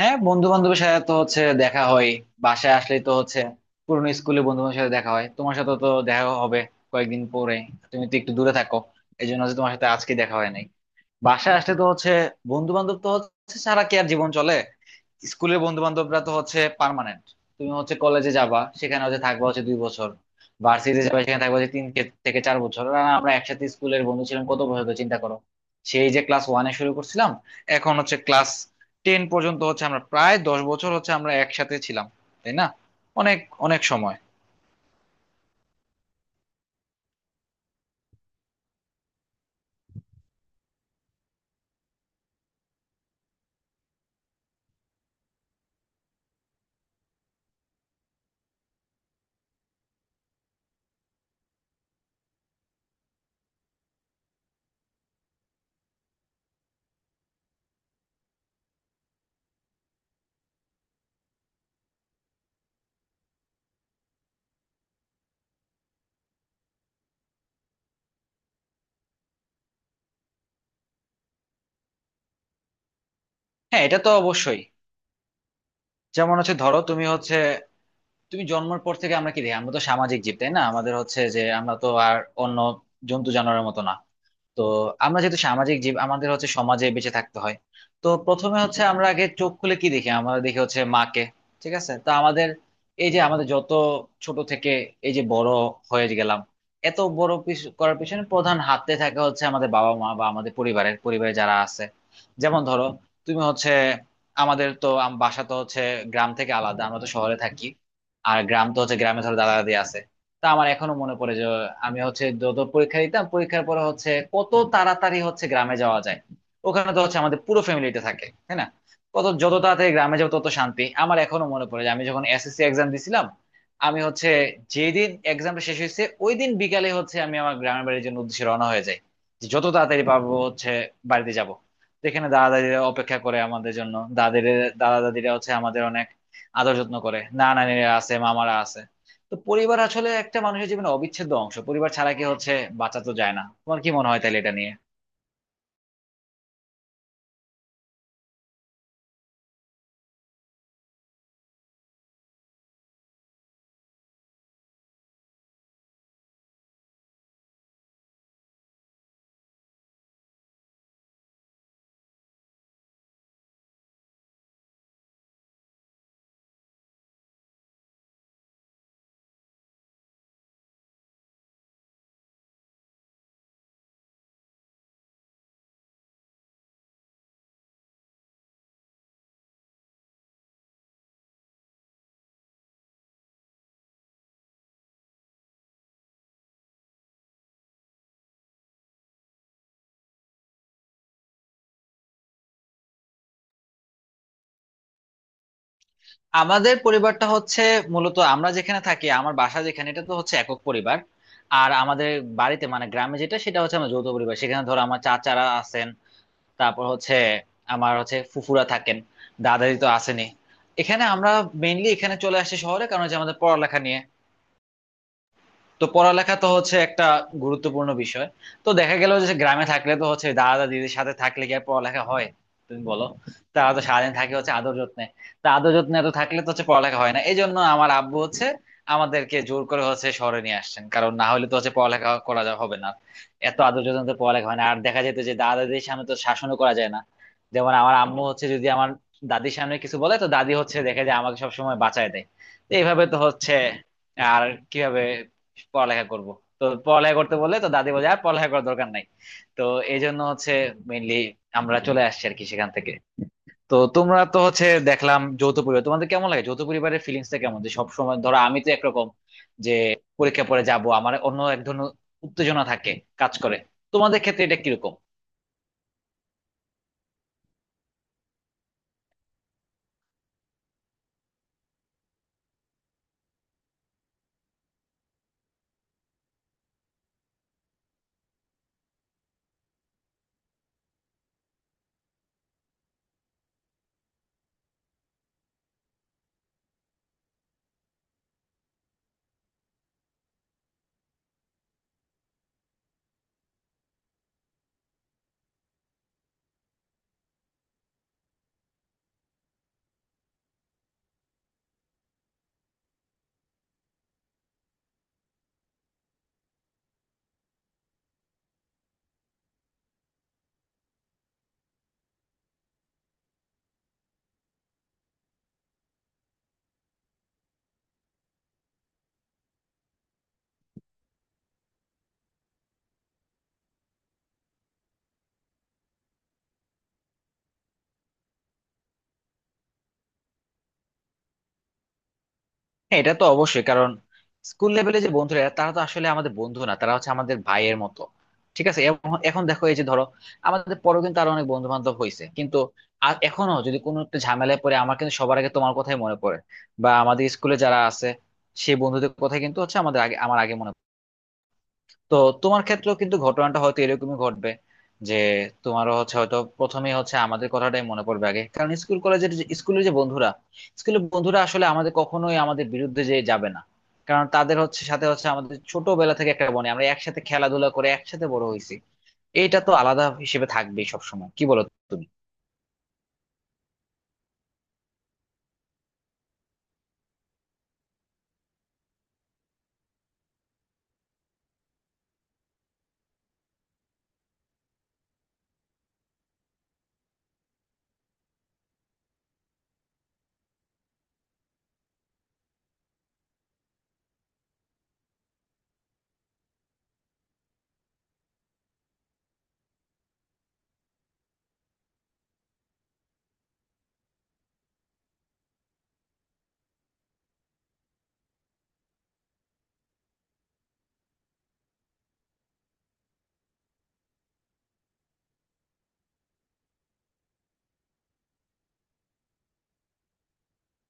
হ্যাঁ, বন্ধু বান্ধবের সাথে তো হচ্ছে দেখা হয়। বাসায় আসলেই তো হচ্ছে পুরনো স্কুলে বন্ধু বান্ধবের সাথে দেখা হয়। তোমার সাথে তো দেখা হবে কয়েকদিন পরে। তুমি তো একটু দূরে থাকো, এই জন্য হচ্ছে তোমার সাথে আজকে দেখা হয় নাই। বাসায় আসলে তো হচ্ছে বন্ধু বান্ধব তো হচ্ছে সারা কি আর জীবন চলে। স্কুলের বন্ধু বান্ধবরা তো হচ্ছে পার্মানেন্ট। তুমি হচ্ছে কলেজে যাবা, সেখানে হচ্ছে থাকবা হচ্ছে 2 বছর। ভার্সিটি যাবা, সেখানে থাকবা হচ্ছে থেকে চার বছর। আর আমরা একসাথে স্কুলের বন্ধু ছিলাম কত বছর ধরে চিন্তা করো। সেই যে ক্লাস ওয়ানে শুরু করছিলাম, এখন হচ্ছে ক্লাস টেন পর্যন্ত হচ্ছে আমরা প্রায় 10 বছর হচ্ছে আমরা একসাথে ছিলাম, তাই না? অনেক অনেক সময়। হ্যাঁ, এটা তো অবশ্যই। যেমন হচ্ছে ধরো তুমি হচ্ছে তুমি জন্মের পর থেকে আমরা কি দেখি, আমরা তো সামাজিক জীব তাই না, আমাদের হচ্ছে যে আমরা তো আর অন্য জন্তু জানোয়ারের মতো না। তো আমরা যেহেতু সামাজিক জীব, আমাদের হচ্ছে সমাজে বেঁচে থাকতে হয়। তো প্রথমে হচ্ছে আমরা আগে চোখ খুলে কি দেখি, আমরা দেখি হচ্ছে মাকে। ঠিক আছে, তো আমাদের এই যে আমাদের যত ছোট থেকে এই যে বড় হয়ে গেলাম, এত বড় করার পিছনে প্রধান হাতে থাকে হচ্ছে আমাদের বাবা মা বা আমাদের পরিবারে যারা আছে। যেমন ধরো তুমি হচ্ছে আমাদের তো বাসা তো হচ্ছে গ্রাম থেকে আলাদা, আমরা তো শহরে থাকি। আর গ্রাম তো হচ্ছে গ্রামে ধরো দাদা দাদি আছে। তা আমার এখনো মনে পড়ে যে আমি হচ্ছে যত পরীক্ষা দিতাম পরীক্ষার পরে হচ্ছে কত তাড়াতাড়ি হচ্ছে গ্রামে যাওয়া যায়। ওখানে তো হচ্ছে আমাদের পুরো ফ্যামিলিতে থাকে, তাই না? কত যত তাড়াতাড়ি গ্রামে যাবো তত শান্তি। আমার এখনো মনে পড়ে যে আমি যখন এসএসসি এক্সাম দিছিলাম, আমি হচ্ছে যেদিন এক্সামটা শেষ হয়েছে ওই দিন বিকালে হচ্ছে আমি আমার গ্রামের বাড়ির জন্য উদ্দেশ্যে রওনা হয়ে যাই, যে যত তাড়াতাড়ি পারবো হচ্ছে বাড়িতে যাব, যেখানে দাদা দাদিরা অপেক্ষা করে আমাদের জন্য। দাদের দাদা দাদিরা হচ্ছে আমাদের অনেক আদর যত্ন করে, নানা নানিরা আছে, মামারা আছে। তো পরিবার আসলে একটা মানুষের জীবনে অবিচ্ছেদ্য অংশ, পরিবার ছাড়া কি হচ্ছে বাঁচা তো যায় না। তোমার কি মনে হয় তাহলে এটা নিয়ে? আমাদের পরিবারটা হচ্ছে মূলত আমরা যেখানে থাকি আমার বাসা যেখানে, এটা তো হচ্ছে একক পরিবার। আর আমাদের বাড়িতে মানে গ্রামে যেটা সেটা হচ্ছে আমার যৌথ পরিবার, সেখানে ধরো আমার চাচারা আছেন। তারপর হচ্ছে আমার হচ্ছে ফুফুরা থাকেন। দাদাদি তো আসেনি এখানে, আমরা মেইনলি এখানে চলে আসি শহরে কারণ হচ্ছে আমাদের পড়ালেখা নিয়ে। তো পড়ালেখা তো হচ্ছে একটা গুরুত্বপূর্ণ বিষয়। তো দেখা গেল যে গ্রামে থাকলে তো হচ্ছে দাদা দিদির সাথে থাকলে কি আর পড়ালেখা হয়, তুমি বলো। তারা তো সারাদিন থাকে হচ্ছে আদর যত্নে। তা আদর যত্নে এত থাকলে তো হচ্ছে পড়ালেখা হয় না, এই জন্য আমার আব্বু হচ্ছে আমাদেরকে জোর করে হচ্ছে শহরে নিয়ে আসছেন, কারণ না হলে তো হচ্ছে পড়ালেখা করা হবে না। এত আদর যত্নে তো পড়ালেখা হয় না, আর দেখা যেত যে দাদা দিদির সামনে তো শাসনও করা যায় না। যেমন আমার আম্মু হচ্ছে যদি আমার দাদির সামনে কিছু বলে তো দাদি হচ্ছে দেখে যে আমাকে সবসময় বাঁচায় দেয়। তো এইভাবে তো হচ্ছে আর কিভাবে পড়ালেখা করব। তো পড়ালেখা করতে বলে তো দাদি বলে আর পড়ালেখা করার দরকার নাই। তো এই জন্য হচ্ছে মেইনলি আমরা চলে আসছি আর কি সেখান থেকে। তো তোমরা তো হচ্ছে দেখলাম যৌথ পরিবার, তোমাদের কেমন লাগে যৌথ পরিবারের ফিলিংসটা কেমন? যে সবসময় ধরো আমি তো একরকম, যে পরীক্ষা পরে যাব আমার অন্য এক ধরনের উত্তেজনা থাকে, কাজ করে। তোমাদের ক্ষেত্রে এটা কিরকম? হ্যাঁ, এটা তো অবশ্যই, কারণ স্কুল লেভেলে যে বন্ধুরা তারা তো আসলে আমাদের বন্ধু না, তারা হচ্ছে আমাদের ভাইয়ের মতো। ঠিক আছে, এবং এখন দেখো এই যে ধরো আমাদের পরেও কিন্তু আরো অনেক বন্ধু বান্ধব হয়েছে, কিন্তু এখনো যদি কোনো একটা ঝামেলায় পড়ে আমার কিন্তু সবার আগে তোমার কথাই মনে পড়ে, বা আমাদের স্কুলে যারা আছে সেই বন্ধুদের কথাই কিন্তু হচ্ছে আমাদের আগে আমার আগে মনে। তো তোমার ক্ষেত্রেও কিন্তু ঘটনাটা হয়তো এরকমই ঘটবে, যে তোমারও হচ্ছে হয়তো প্রথমেই হচ্ছে আমাদের কথাটাই মনে পড়বে আগে। কারণ স্কুল স্কুলের যে বন্ধুরা, স্কুলের বন্ধুরা আসলে আমাদের কখনোই আমাদের বিরুদ্ধে যে যাবে না, কারণ তাদের হচ্ছে সাথে হচ্ছে আমাদের ছোটবেলা থেকে একটা বনে আমরা একসাথে খেলাধুলা করে একসাথে বড় হয়েছি। এইটা তো আলাদা হিসেবে থাকবেই সবসময়, কি বলো তুমি?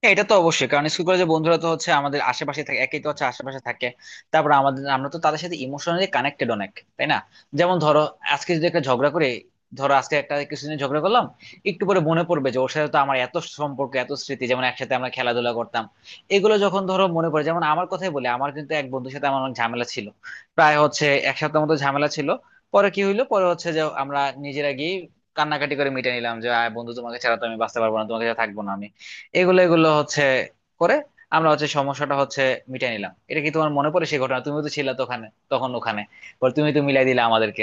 হ্যাঁ, এটা তো অবশ্যই, কারণ স্কুল কলেজের বন্ধুরা তো হচ্ছে আমাদের আশেপাশে থাকে, একই তো হচ্ছে আশেপাশে থাকে। তারপর আমাদের, আমরা তো তাদের সাথে ইমোশনালি কানেক্টেড অনেক, তাই না? যেমন ধরো আজকে যদি একটা ঝগড়া করে, ধরো আজকে একটা কিছুদিন ঝগড়া করলাম, একটু পরে মনে পড়বে যে ওর সাথে তো আমার এত সম্পর্ক এত স্মৃতি, যেমন একসাথে আমরা খেলাধুলা করতাম। এগুলো যখন ধরো মনে পড়ে, যেমন আমার কথাই বলি, আমার কিন্তু এক বন্ধুর সাথে আমার অনেক ঝামেলা ছিল, প্রায় হচ্ছে 1 সপ্তাহ মতো ঝামেলা ছিল। পরে কি হইলো, পরে হচ্ছে যে আমরা নিজেরা গিয়ে কান্নাকাটি করে মিটে নিলাম, যে "আয় বন্ধু তোমাকে ছাড়া তো আমি বাঁচতে পারবো না, তোমাকে ছাড়া থাকবো না আমি"। এগুলো এগুলো হচ্ছে করে আমরা হচ্ছে সমস্যাটা হচ্ছে মিটাই নিলাম। এটা কি তোমার মনে পড়ে সেই ঘটনা? তুমিও তো ছিলা তো ওখানে, তখন ওখানে। পরে তুমি তো মিলাই দিলে আমাদেরকে।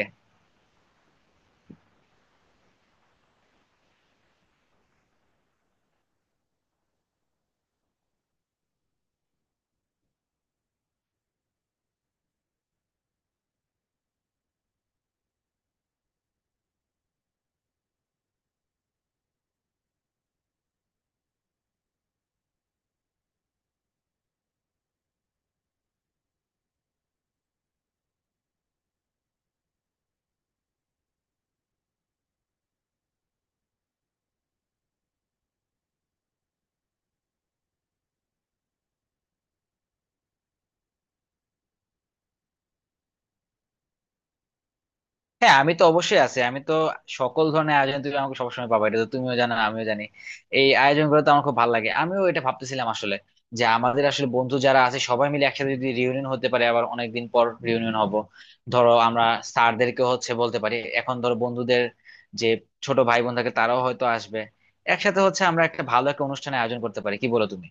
হ্যাঁ, আমি তো অবশ্যই আছি, আমি তো সকল ধরনের আয়োজন, তুমি আমাকে সবসময় পাবা, এটা তো তুমিও জানো আমিও জানি। এই আয়োজন গুলো তো আমার খুব ভালো লাগে, আমিও এটা ভাবতেছিলাম আসলে, যে আমাদের আসলে বন্ধু যারা আছে সবাই মিলে একসাথে যদি রিউনিয়ন হতে পারে, আবার অনেকদিন পর রিউনিয়ন হব। ধরো আমরা স্যারদেরকে হচ্ছে বলতে পারি, এখন ধরো বন্ধুদের যে ছোট ভাই বোন থাকে তারাও হয়তো আসবে, একসাথে হচ্ছে আমরা একটা ভালো একটা অনুষ্ঠানের আয়োজন করতে পারি, কি বলো তুমি?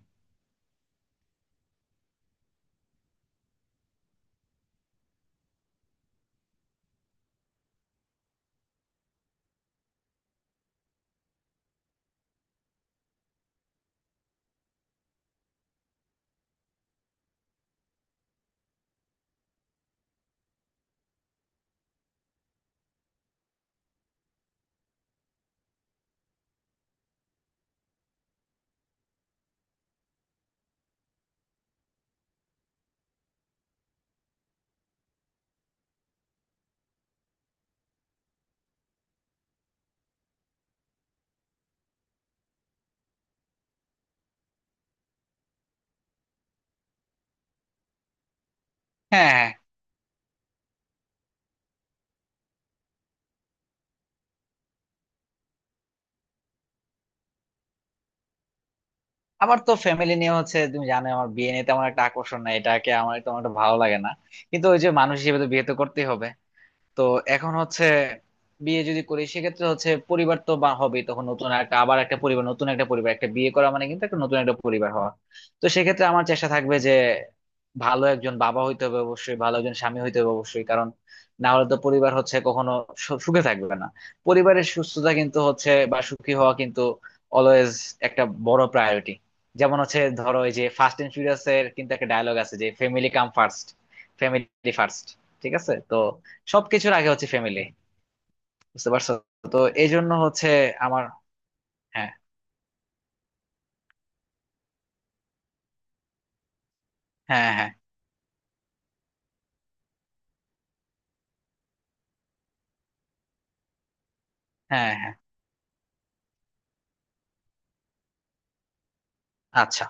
হ্যাঁ, হ্যাঁ। আমার তো ফ্যামিলি নিয়ে হচ্ছে, তুমি জানো আমার বিয়ে নিয়ে তেমন একটা আকর্ষণ নাই, এটাকে আমার তেমন একটা ভালো লাগে না। কিন্তু ওই যে মানুষ হিসেবে তো বিয়ে তো করতেই হবে। তো এখন হচ্ছে বিয়ে যদি করি সেক্ষেত্রে হচ্ছে পরিবার তো বা হবেই, তখন নতুন একটা আবার একটা পরিবার, নতুন একটা পরিবার, একটা বিয়ে করা মানে কিন্তু একটা নতুন একটা পরিবার হওয়া। তো সেক্ষেত্রে আমার চেষ্টা থাকবে যে ভালো একজন বাবা হইতে হবে অবশ্যই, ভালো একজন স্বামী হইতে হবে অবশ্যই, কারণ না হলে তো পরিবার হচ্ছে কখনো সুখে থাকবে না। পরিবারের সুস্থতা কিন্তু হচ্ছে বা সুখী হওয়া কিন্তু অলওয়েজ একটা বড় প্রায়োরিটি। যেমন হচ্ছে ধরো এই যে ফার্স্ট এন্ড ফিউরিয়াস এর কিন্তু একটা ডায়লগ আছে যে family come first, family first. ঠিক আছে, তো সবকিছুর আগে হচ্ছে ফ্যামিলি, বুঝতে পারছো? তো এই জন্য হচ্ছে আমার। হ্যাঁ। হ্যাঁ, হ্যাঁ, হ্যাঁ, হ্যাঁ। আচ্ছা।